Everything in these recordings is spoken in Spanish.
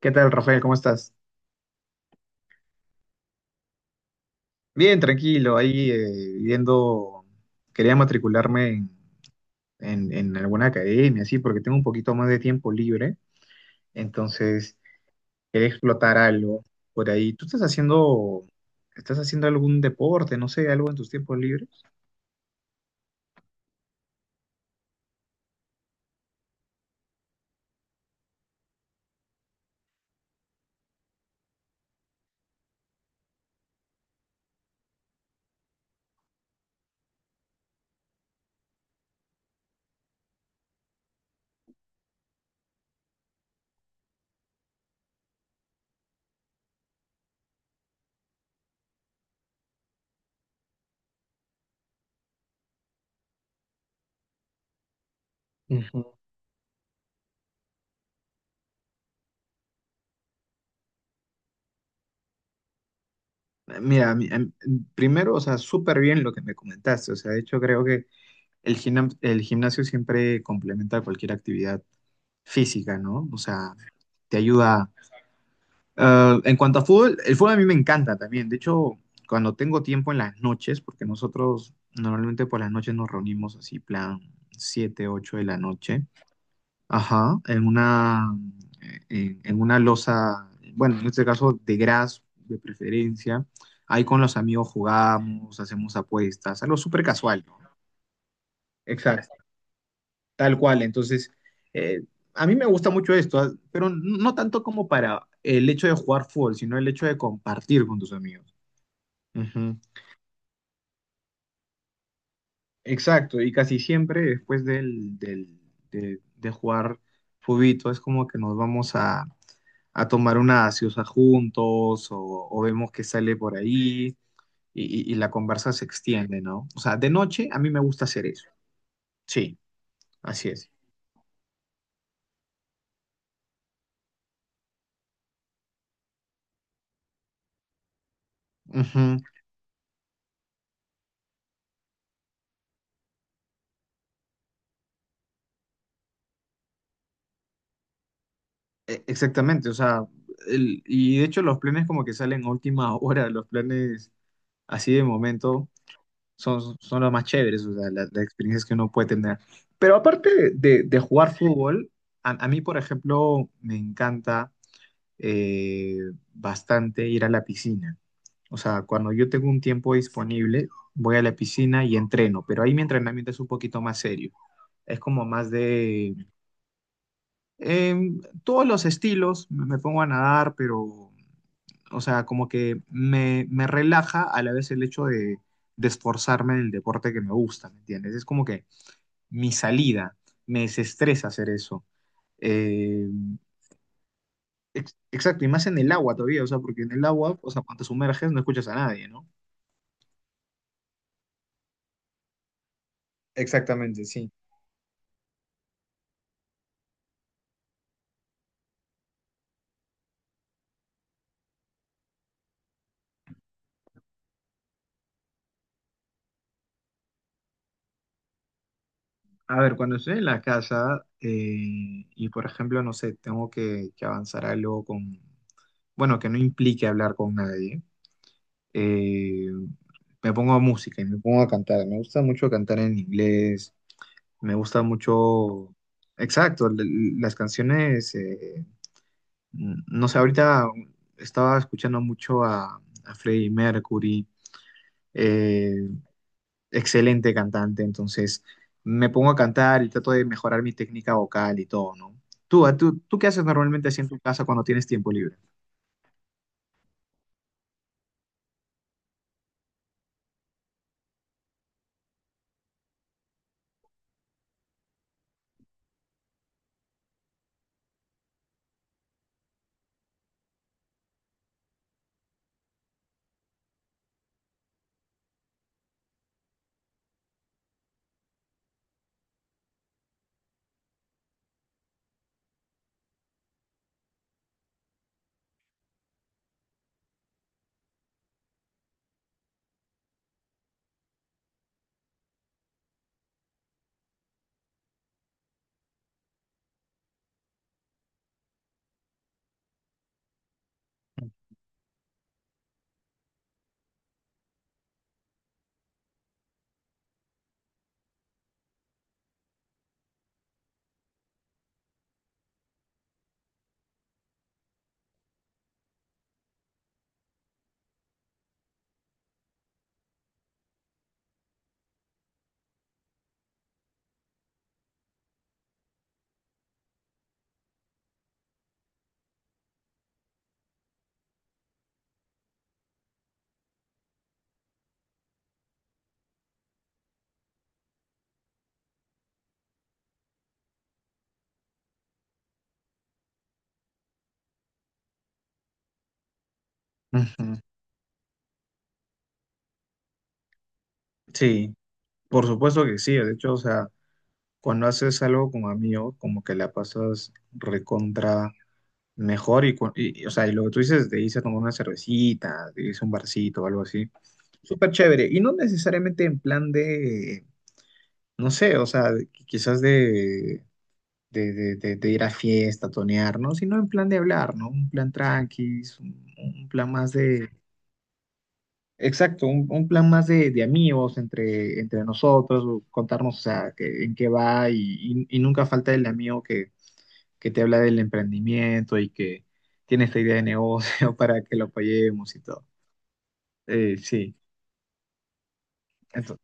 ¿Qué tal, Rafael? ¿Cómo estás? Bien, tranquilo, ahí viendo, quería matricularme en alguna academia, sí, porque tengo un poquito más de tiempo libre, entonces quería explotar algo por ahí. ¿Tú estás estás haciendo algún deporte, no sé, algo en tus tiempos libres? Ujú. Mira, primero, o sea, súper bien lo que me comentaste, o sea, de hecho creo que el gimnasio siempre complementa cualquier actividad física, ¿no? O sea, te ayuda. Ah, en cuanto a fútbol, el fútbol a mí me encanta también. De hecho, cuando tengo tiempo en las noches, porque nosotros normalmente por las noches nos reunimos así, plan 7, 8 de la noche, ajá, en una loza, bueno, en este caso de gras de preferencia. Ahí con los amigos jugamos, hacemos apuestas, algo súper casual, ¿no? Exacto. Tal cual, entonces, eh, a mí me gusta mucho esto, ah, pero no tanto como para el hecho de jugar fútbol, sino el hecho de compartir con tus amigos. Ujú. Exacto, y casi siempre después de jugar fubito es como que nos vamos a tomar una gaseosa juntos o vemos que sale por ahí y la conversa se extiende, ¿no? O sea, de noche a mí me gusta hacer eso. Sí, así es. Ujú. Exactamente, o sea, y de hecho los planes como que salen a última hora, los planes así de momento son, son los más chéveres, o sea, las experiencias que uno puede tener. Pero aparte de jugar fútbol, a mí, por ejemplo, me encanta eh, bastante ir a la piscina. O sea, cuando yo tengo un tiempo disponible, voy a la piscina y entreno, pero ahí mi entrenamiento es un poquito más serio. Es como más de todos los estilos, me pongo a nadar, pero o sea, como que me relaja a la vez el hecho de esforzarme en el deporte que me gusta, ¿me entiendes? Es como que mi salida, me desestresa hacer eso. Eh, exacto, y más en el agua todavía, o sea, porque en el agua, o sea, cuando te sumerges no escuchas a nadie, ¿no? Exactamente, sí. A ver, cuando estoy en la casa y, por ejemplo, no sé, tengo que avanzar algo con, bueno, que no implique hablar con nadie. eh, Me pongo a música y me pongo a cantar. Me gusta mucho cantar en inglés, me gusta mucho, exacto, las canciones, no sé, ahorita estaba escuchando mucho a Freddie Mercury, eh, excelente cantante, entonces me pongo a cantar y trato de mejorar mi técnica vocal y todo, ¿no? Tú, ¿tú qué haces normalmente así en tu casa cuando tienes tiempo libre? Ujú. Sí, por supuesto que sí, de hecho, o sea... Cuando haces algo con amigos, como que la pasas recontra mejor y, y, o sea, y lo que tú dices, de irse a tomar una cervecita, de irse a un barcito o algo así, súper chévere. Y no necesariamente en plan de, no sé, o sea, quizás de ir a fiesta, tonear, ¿no? Sino en plan de hablar, ¿no? Un plan tranqui, un plan más de... Exacto, un plan más de amigos entre nosotros, o contarnos, o sea, en qué va y, y nunca falta el amigo que te habla del emprendimiento y que tiene esta idea de negocio para que lo apoyemos y todo. Sí. Ento-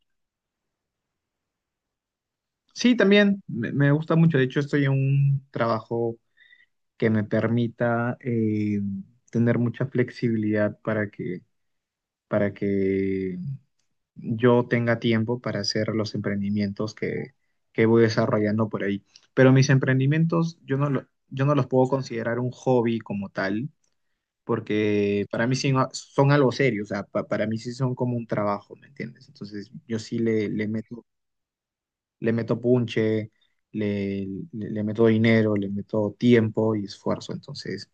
sí, también me gusta mucho. De hecho, estoy en un trabajo que me permita tener mucha flexibilidad para que yo tenga tiempo para hacer los emprendimientos que voy desarrollando por ahí. Pero mis emprendimientos, yo no los puedo considerar un hobby como tal porque para mí son algo serio, o sea, para mí sí son como un trabajo, ¿me entiendes? Entonces yo sí le meto punche, le, le meto dinero, le meto tiempo y esfuerzo, entonces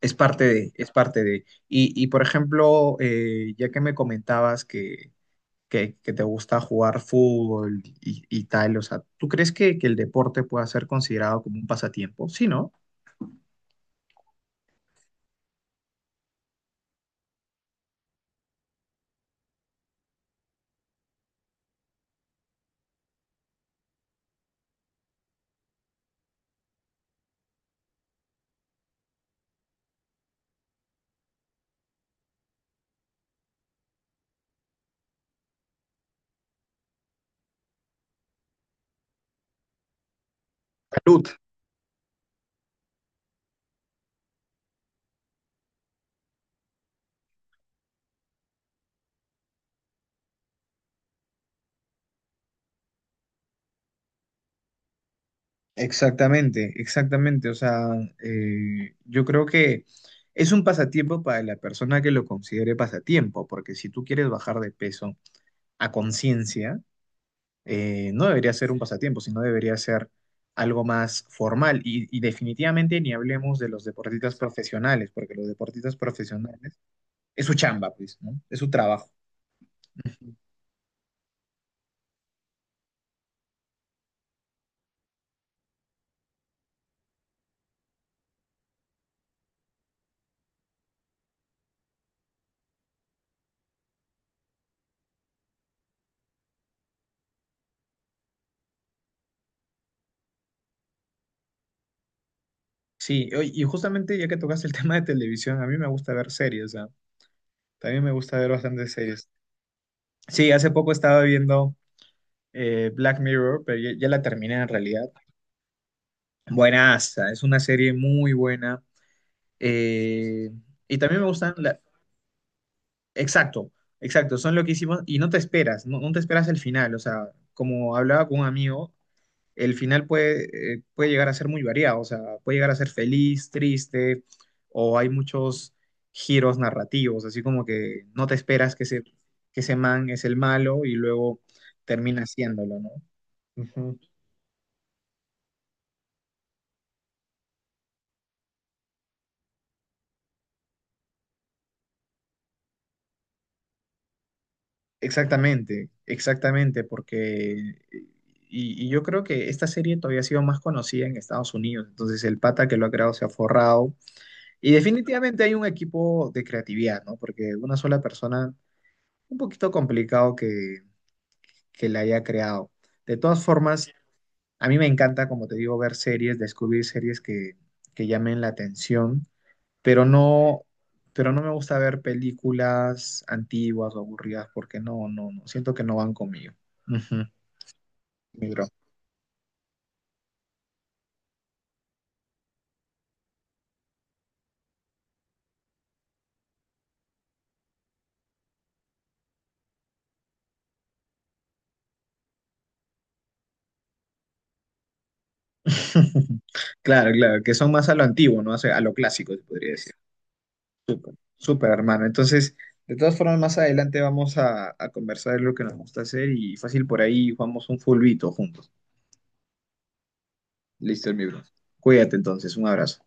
es parte de, es parte de. Y por ejemplo, ya que me comentabas que te gusta jugar fútbol y tal, o sea, ¿tú crees que el deporte pueda ser considerado como un pasatiempo? Sí, ¿no? Salud. Exactamente, exactamente. O sea, yo creo que es un pasatiempo para la persona que lo considere pasatiempo, porque si tú quieres bajar de peso a conciencia, no debería ser un pasatiempo, sino debería ser algo más formal. Y definitivamente ni hablemos de los deportistas profesionales, porque los deportistas profesionales es su chamba, pues, ¿no? Es su trabajo. Sí, oye, y justamente ya que tocaste el tema de televisión, a mí me gusta ver series, o sea, también me gusta ver bastantes series. Sí, hace poco estaba viendo Black Mirror, pero ya la terminé en realidad. Buenaza, es una serie muy buena. eh, y también me gustan, exacto, exacto, son lo que hicimos y no te esperas, no te esperas el final. O sea, como hablaba con un amigo, el final puede, puede llegar a ser muy variado, o sea, puede llegar a ser feliz, triste, o hay muchos giros narrativos, así como que no te esperas que ese man es el malo y luego termina haciéndolo, ¿no? Ujú. Exactamente, exactamente, porque y yo creo que esta serie todavía ha sido más conocida en Estados Unidos, entonces el pata que lo ha creado se ha forrado y definitivamente hay un equipo de creatividad, ¿no? Porque una sola persona, un poquito complicado que la haya creado. De todas formas, a mí me encanta, como te digo, ver series, descubrir series que llamen la atención pero no, pero no me gusta ver películas antiguas o aburridas porque no siento que no van conmigo. Ujú, mi bro. Claro, claro, que son más a lo antiguo, ¿no? O sea, a lo clásico, se podría decir. Súper, súper, hermano. Entonces, de todas formas, más adelante vamos a conversar de lo que nos gusta hacer y fácil por ahí jugamos un fulbito juntos. Listo, mi bro. Cuídate entonces, un abrazo.